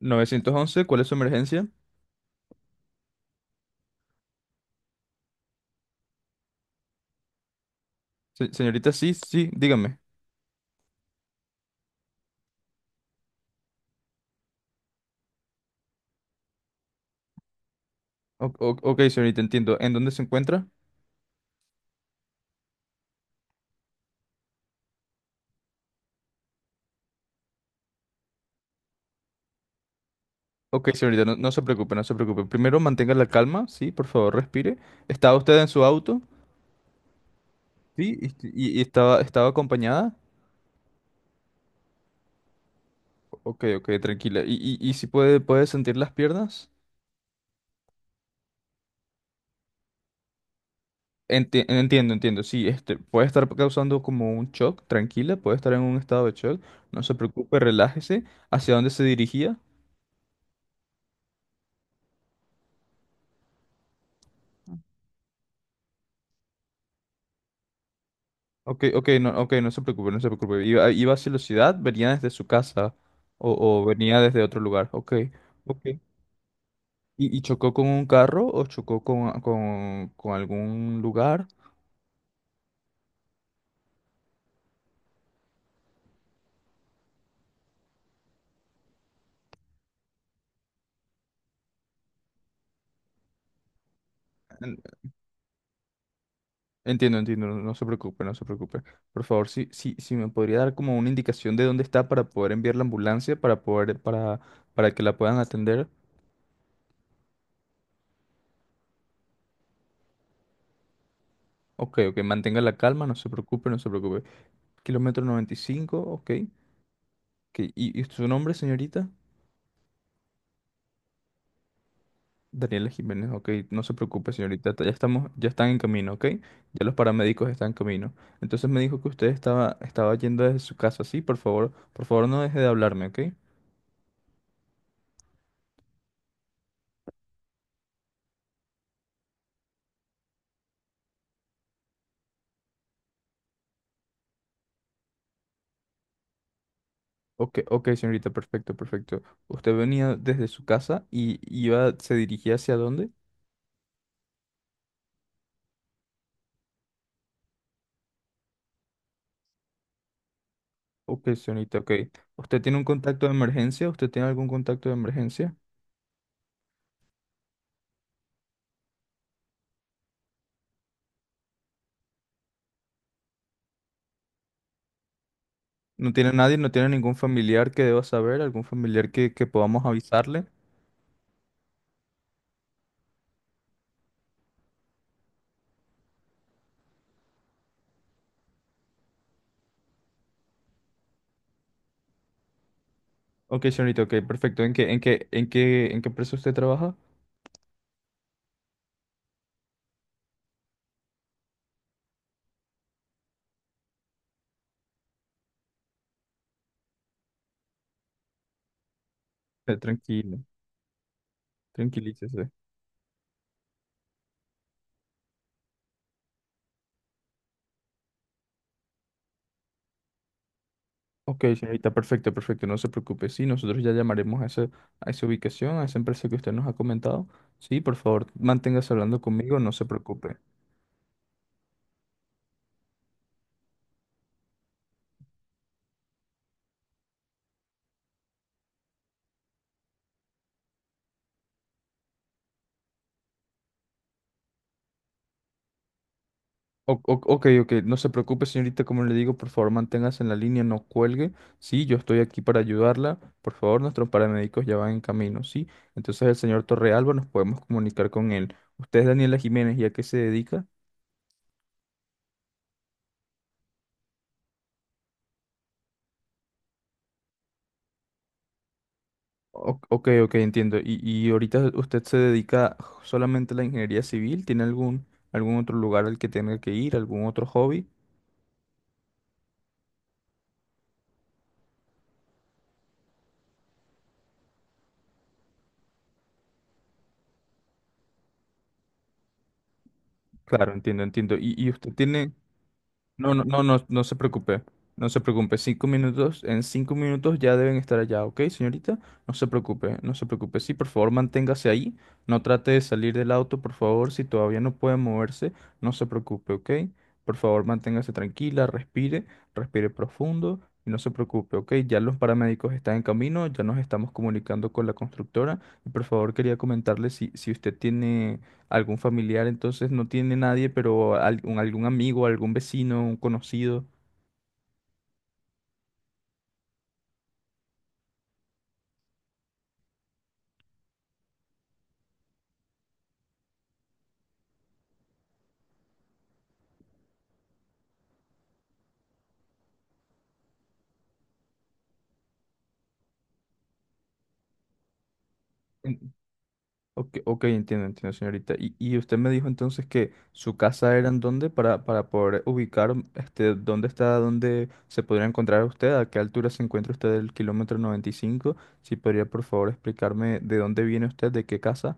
Novecientos once, ¿cuál es su emergencia? Señorita, sí, sí, dígame. Ok, señorita, entiendo. ¿En dónde se encuentra? Ok, señorita, no, no se preocupe, no se preocupe. Primero mantenga la calma, sí, por favor, respire. ¿Estaba usted en su auto? Sí, y, y estaba acompañada. Ok, ok, tranquila. Y si puede sentir las piernas? Entiendo, sí, este, puede estar causando como un shock, tranquila, puede estar en un estado de shock. No se preocupe, relájese. ¿Hacia dónde se dirigía? Ok, ok, no, ok, no se preocupe, no se preocupe. Iba hacia la ciudad, venía desde su casa o venía desde otro lugar. Ok, ok. ¿Y chocó con un carro o chocó con algún lugar? En- entiendo, no, no se preocupe, no se preocupe. Por favor, si, si, si me podría dar como una indicación de dónde está para poder enviar la ambulancia, para que la puedan atender. Ok, ok, mantenga la calma, no se preocupe, no se preocupe. Kilómetro 95. Ok, ok. ¿Y su nombre, señorita? Daniela Jiménez, ok, no se preocupe, señorita, ya están en camino, ok, ya los paramédicos están en camino. Entonces me dijo que usted estaba yendo desde su casa, sí, por favor no deje de hablarme, ok. Ok, ok, señorita, perfecto, perfecto. Usted venía desde su casa y se dirigía hacia dónde? Ok, señorita, ok. ¿Usted tiene un contacto de emergencia? ¿Usted tiene algún contacto de emergencia? ¿No tiene nadie? ¿No tiene ningún familiar que deba saber? ¿Algún familiar que podamos avisarle? Ok, señorita, ok, perfecto. ¿En qué empresa usted trabaja? Tranquilo, tranquilícese. Ok, señorita, perfecto, perfecto, no se preocupe. Sí, nosotros ya llamaremos a esa ubicación, a esa empresa que usted nos ha comentado. Sí, por favor, manténgase hablando conmigo, no se preocupe. Ok, ok, no se preocupe, señorita, como le digo, por favor, manténgase en la línea, no cuelgue. Sí, yo estoy aquí para ayudarla. Por favor, nuestros paramédicos ya van en camino, ¿sí? Entonces el señor Torrealba nos podemos comunicar con él. ¿Usted es Daniela Jiménez y a qué se dedica? Ok, ok, entiendo. ¿Y ahorita usted se dedica solamente a la ingeniería civil? ¿Tiene algún otro lugar al que tenga que ir? ¿Algún otro hobby? Claro, entiendo, entiendo. ¿Y usted tiene, No, no, no, no, no se preocupe. No se preocupe. Cinco minutos, en cinco minutos ya deben estar allá, ¿ok, señorita? No se preocupe, no se preocupe. Sí, por favor, manténgase ahí. No trate de salir del auto, por favor. Si todavía no puede moverse, no se preocupe, ¿ok? Por favor, manténgase tranquila, respire, respire profundo y no se preocupe, ¿ok? Ya los paramédicos están en camino, ya nos estamos comunicando con la constructora. Y por favor, quería comentarle si, si usted tiene algún familiar, entonces no tiene nadie, pero algún amigo, algún vecino, un conocido. En- Ok, ok, entiendo, entiendo, señorita. Y usted me dijo entonces que su casa era en dónde para poder ubicar este, dónde está, dónde se podría encontrar usted, a qué altura se encuentra usted del kilómetro noventa y cinco. Si podría, por favor, explicarme de dónde viene usted, de qué casa.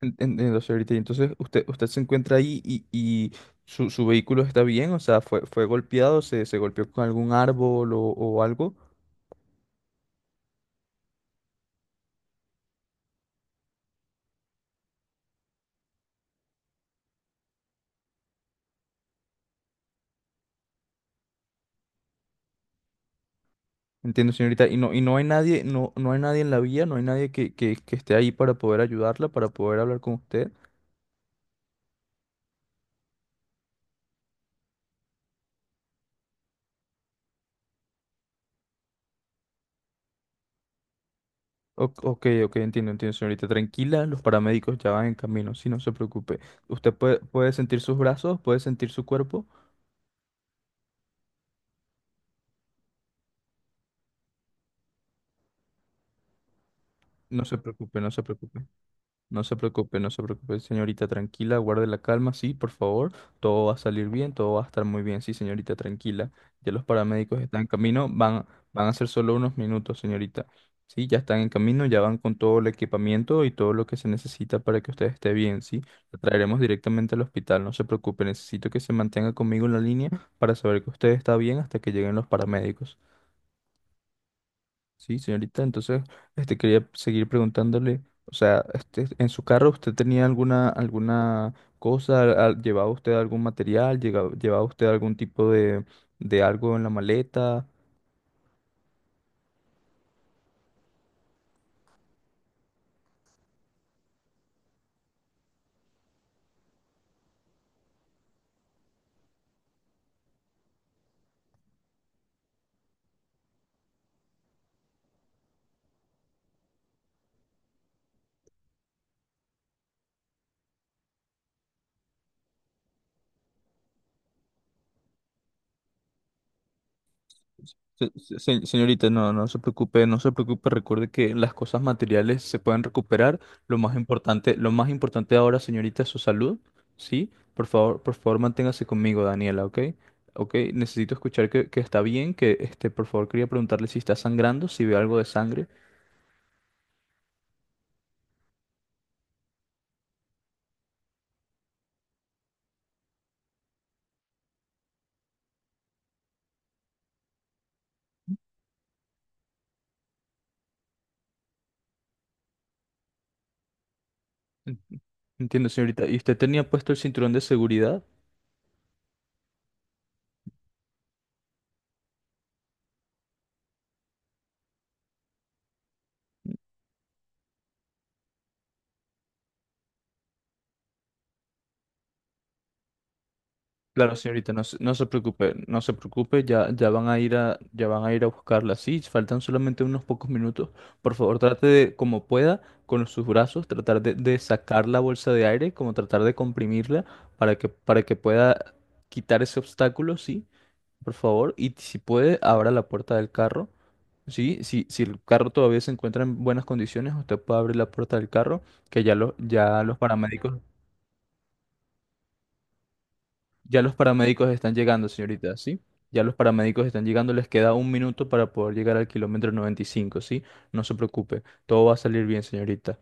Entiendo, señorita. Y entonces, usted se encuentra ahí y su vehículo está bien, o sea, fue golpeado, se golpeó con algún árbol o algo. Entiendo, señorita. Y no hay nadie, no, no hay nadie en la vía, no hay nadie que esté ahí para poder ayudarla, para poder hablar con usted. Ok, ok, entiendo, entiendo, señorita. Tranquila, los paramédicos ya van en camino, sí, no se preocupe. Usted puede sentir sus brazos, puede sentir su cuerpo. No se preocupe, no se preocupe. No se preocupe, no se preocupe, señorita, tranquila, guarde la calma, sí, por favor. Todo va a salir bien, todo va a estar muy bien, sí, señorita, tranquila. Ya los paramédicos están en camino, van a ser solo unos minutos, señorita. Sí, ya están en camino, ya van con todo el equipamiento y todo lo que se necesita para que usted esté bien, sí. La traeremos directamente al hospital, no se preocupe, necesito que se mantenga conmigo en la línea para saber que usted está bien hasta que lleguen los paramédicos. Sí, señorita, entonces, este, quería seguir preguntándole, o sea, este, en su carro usted tenía alguna cosa, llevaba usted algún material, llevaba usted algún tipo de algo en la maleta, Señorita, no, no se preocupe, no se preocupe. Recuerde que las cosas materiales se pueden recuperar. Lo más importante ahora, señorita, es su salud, ¿sí? Por favor, manténgase conmigo, Daniela, ¿ok? Ok, necesito escuchar que está bien, por favor, quería preguntarle si está sangrando, si ve algo de sangre. En- Entiendo, señorita. ¿Y usted tenía puesto el cinturón de seguridad? Claro, señorita, no, no se preocupe, no se preocupe, ya van a ir a buscarla. Sí, faltan solamente unos pocos minutos. Por favor, trate de, como pueda, con sus brazos, tratar de sacar la bolsa de aire, como tratar de comprimirla para que pueda quitar ese obstáculo, sí, por favor. Y si puede, abra la puerta del carro. Sí, si, si el carro todavía se encuentra en buenas condiciones, usted puede abrir la puerta del carro, ya los paramédicos. Ya los paramédicos están llegando, señorita, ¿sí? Ya los paramédicos están llegando, les queda un minuto para poder llegar al kilómetro 95, ¿sí? No se preocupe, todo va a salir bien, señorita.